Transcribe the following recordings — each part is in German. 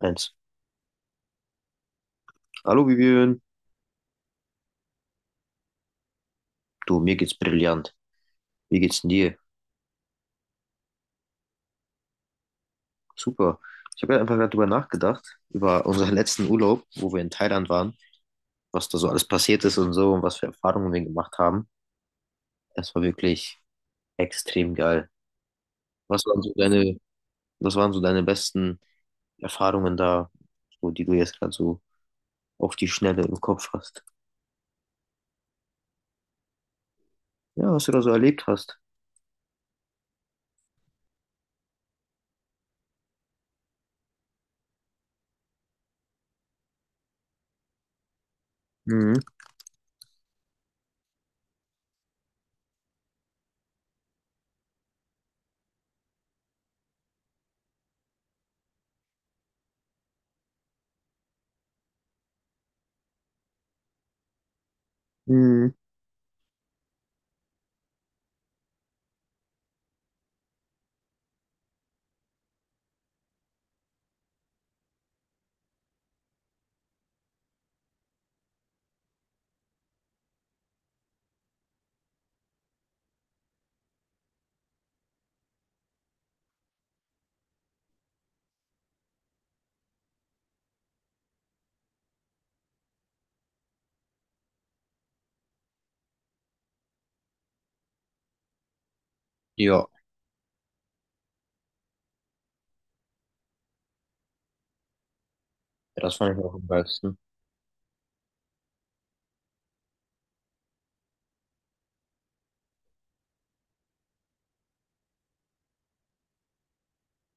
Eins. Hallo Vivian. Du, mir geht's brillant. Wie geht's denn dir? Super. Ich habe ja einfach gerade drüber nachgedacht, über unseren letzten Urlaub, wo wir in Thailand waren, was da so alles passiert ist und so und was für Erfahrungen wir gemacht haben. Das war wirklich extrem geil. Was waren so deine, was waren so deine besten Erfahrungen da, so, die du jetzt gerade so auf die Schnelle im Kopf hast? Ja, was du da so erlebt hast. Mhm. Mhm. Ja, das fand ich auch am geilsten.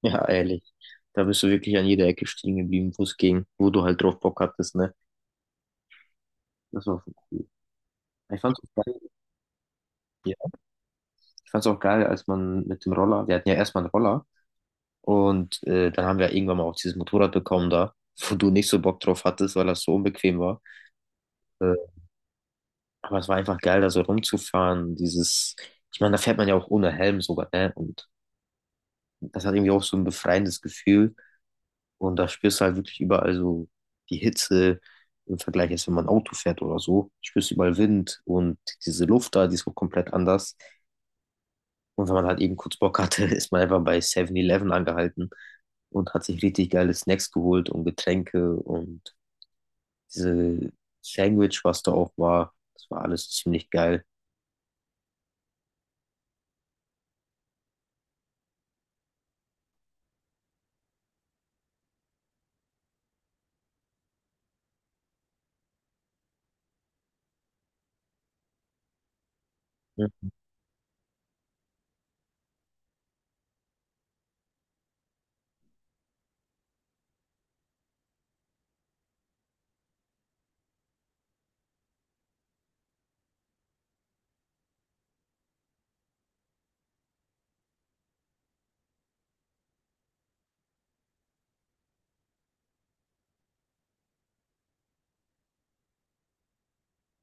Ja, ehrlich. Da bist du wirklich an jeder Ecke stehen geblieben, wo es ging, wo du halt drauf Bock hattest, ne? Das war schon cool. Ich fand's auch geil, ja. Ich fand's auch geil, als man mit dem Roller, wir hatten ja erstmal einen Roller und dann haben wir irgendwann mal auch dieses Motorrad bekommen da, wo du nicht so Bock drauf hattest, weil das so unbequem war. Äh, aber es war einfach geil, da so rumzufahren, dieses, ich meine, da fährt man ja auch ohne Helm sogar, ne? Und das hat irgendwie auch so ein befreiendes Gefühl. Und da spürst du halt wirklich überall so die Hitze im Vergleich, als wenn man Auto fährt oder so. Spürst überall Wind und diese Luft da, die ist auch komplett anders. Und wenn man halt eben kurz Bock hatte, ist man einfach bei 7-Eleven angehalten und hat sich richtig geile Snacks geholt und Getränke und diese Sandwich, was da auch war. Das war alles ziemlich geil.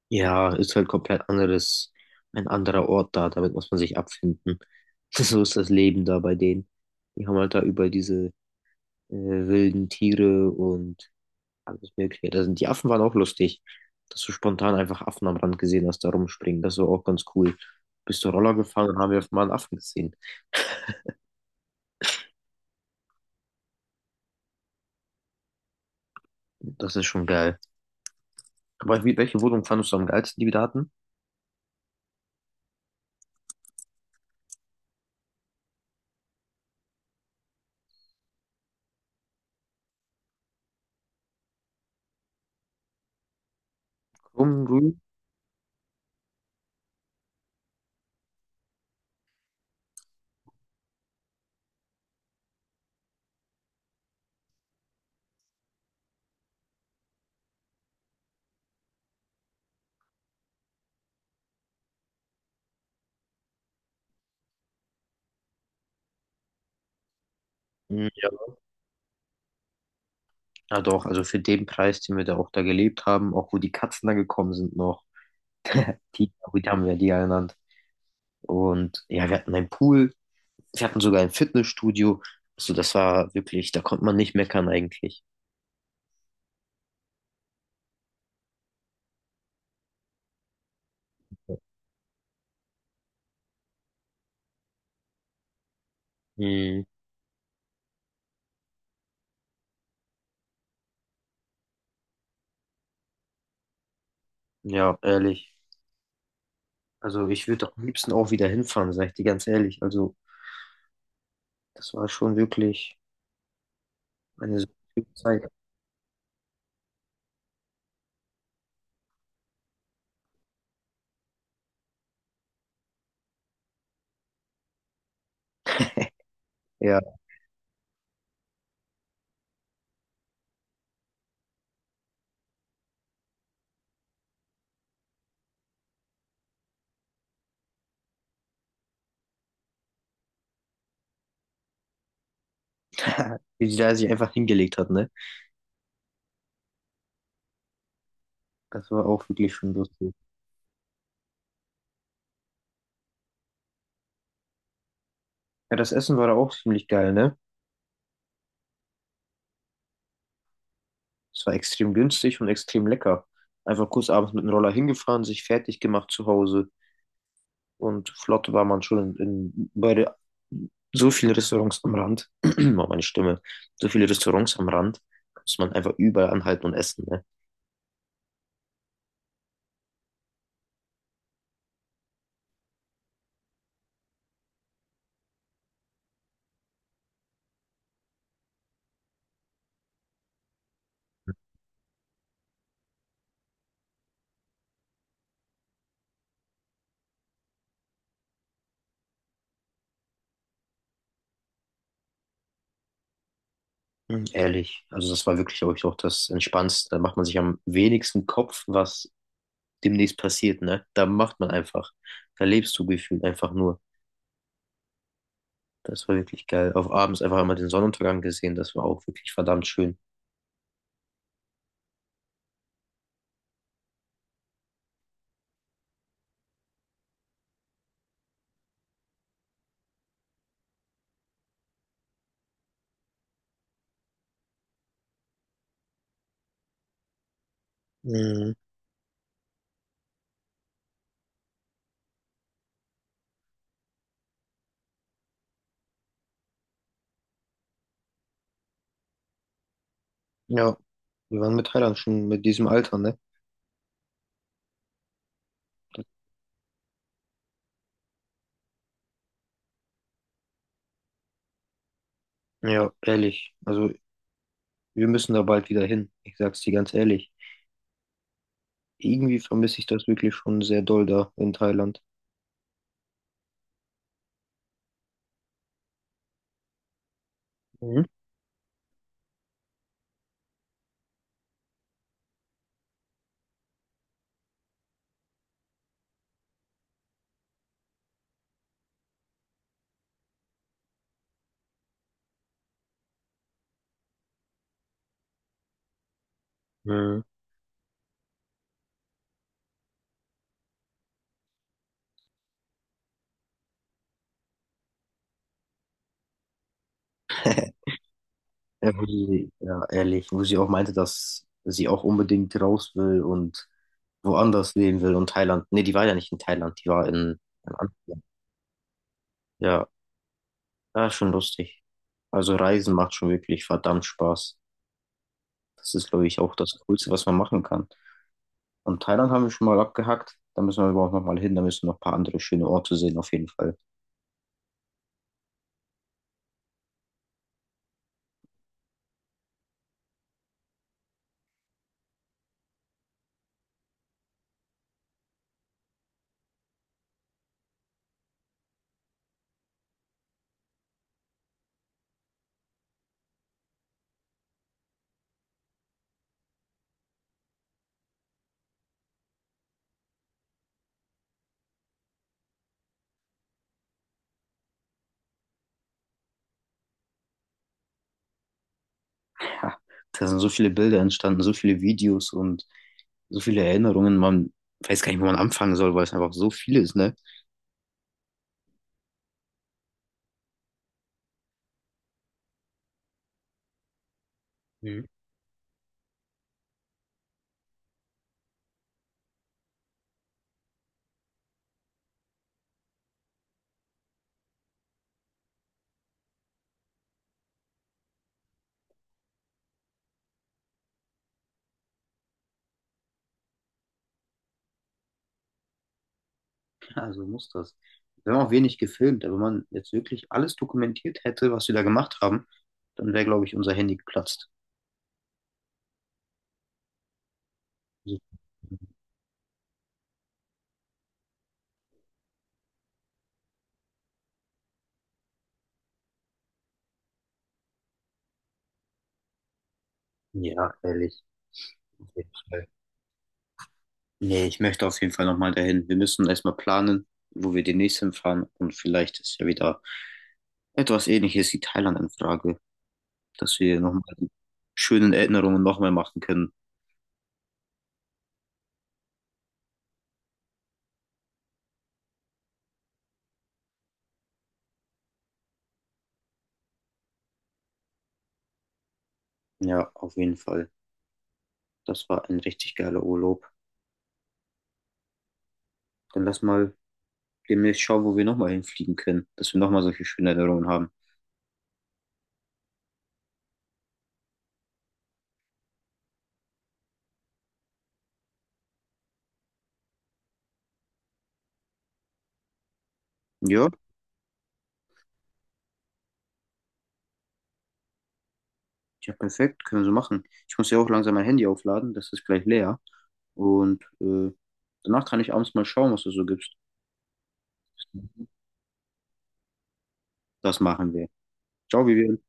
Ja, ist halt komplett anderes, ein anderer Ort da, damit muss man sich abfinden. So ist das Leben da bei denen. Die haben halt da über diese wilden Tiere und alles Mögliche. Das sind, die Affen waren auch lustig, dass du spontan einfach Affen am Rand gesehen hast, da rumspringen. Das war auch ganz cool. Bist du Roller gefahren und haben wir mal einen Affen gesehen. Das ist schon geil. Aber wie, welche Wohnung fandest du am geilsten, die wir da hatten? Krumm, grün? Hm, ja. Ja, doch, also für den Preis, den wir da auch da gelebt haben, auch wo die Katzen da gekommen sind noch. Die, wie haben wir die ja genannt. Und ja, wir hatten einen Pool, wir hatten sogar ein Fitnessstudio. Also das war wirklich, da konnte man nicht meckern eigentlich. Mhm. Ja, ehrlich. Also ich würde am liebsten auch wieder hinfahren, sag ich dir ganz ehrlich. Also das war schon wirklich eine so gute Zeit. Ja, wie sie da sich einfach hingelegt hat, ne? Das war auch wirklich schon lustig. Ja, das Essen war da auch ziemlich geil, ne? Es war extrem günstig und extrem lecker. Einfach kurz abends mit dem Roller hingefahren, sich fertig gemacht zu Hause und flott war man schon in bei der, so viele Restaurants am Rand. Oh, meine Stimme. So viele Restaurants am Rand, muss man einfach überall anhalten und essen, ne? Mhm, ehrlich, also das war wirklich, glaube ich, auch das Entspannendste. Da macht man sich am wenigsten Kopf, was demnächst passiert, ne? Da macht man einfach. Da lebst du gefühlt einfach nur. Das war wirklich geil. Auf abends einfach einmal den Sonnenuntergang gesehen. Das war auch wirklich verdammt schön. Mhm. Ja, wir waren mit Thailand schon mit diesem Alter, ne? Ja, ehrlich. Also wir müssen da bald wieder hin. Ich sag's dir ganz ehrlich. Irgendwie vermisse ich das wirklich schon sehr doll da in Thailand. Mhm. Mhm. Ja, wo sie- ja, ehrlich, wo sie auch meinte, dass sie auch unbedingt raus will und woanders leben will und Thailand. Nee, die war ja nicht in Thailand, die war in Amsterdam. Ja, ja, schon lustig. Also Reisen macht schon wirklich verdammt Spaß. Das ist, glaube ich, auch das Coolste, was man machen kann. Und Thailand haben wir schon mal abgehakt. Da müssen wir aber auch noch mal hin. Da müssen noch ein paar andere schöne Orte sehen, auf jeden Fall. Ja, da sind so viele Bilder entstanden, so viele Videos und so viele Erinnerungen. Man weiß gar nicht, wo man anfangen soll, weil es einfach so viel ist, ne? Also muss das. Wir haben auch wenig gefilmt, aber wenn man jetzt wirklich alles dokumentiert hätte, was wir da gemacht haben, dann wäre, glaube ich, unser Handy geplatzt. Also, ja, ehrlich. Auf jeden Fall. Nee, ich möchte auf jeden Fall nochmal dahin. Wir müssen erstmal planen, wo wir demnächst hinfahren und vielleicht ist ja wieder etwas Ähnliches wie Thailand in Frage, dass wir nochmal die schönen Erinnerungen nochmal machen können. Ja, auf jeden Fall. Das war ein richtig geiler Urlaub. Dann lass mal demnächst schauen, wo wir nochmal hinfliegen können, dass wir nochmal solche schönen Erinnerungen haben. Ja, ja, perfekt, können wir so machen. Ich muss ja auch langsam mein Handy aufladen, das ist gleich leer. Und danach kann ich abends mal schauen, was du so gibst. Das machen wir. Ciao, Vivian.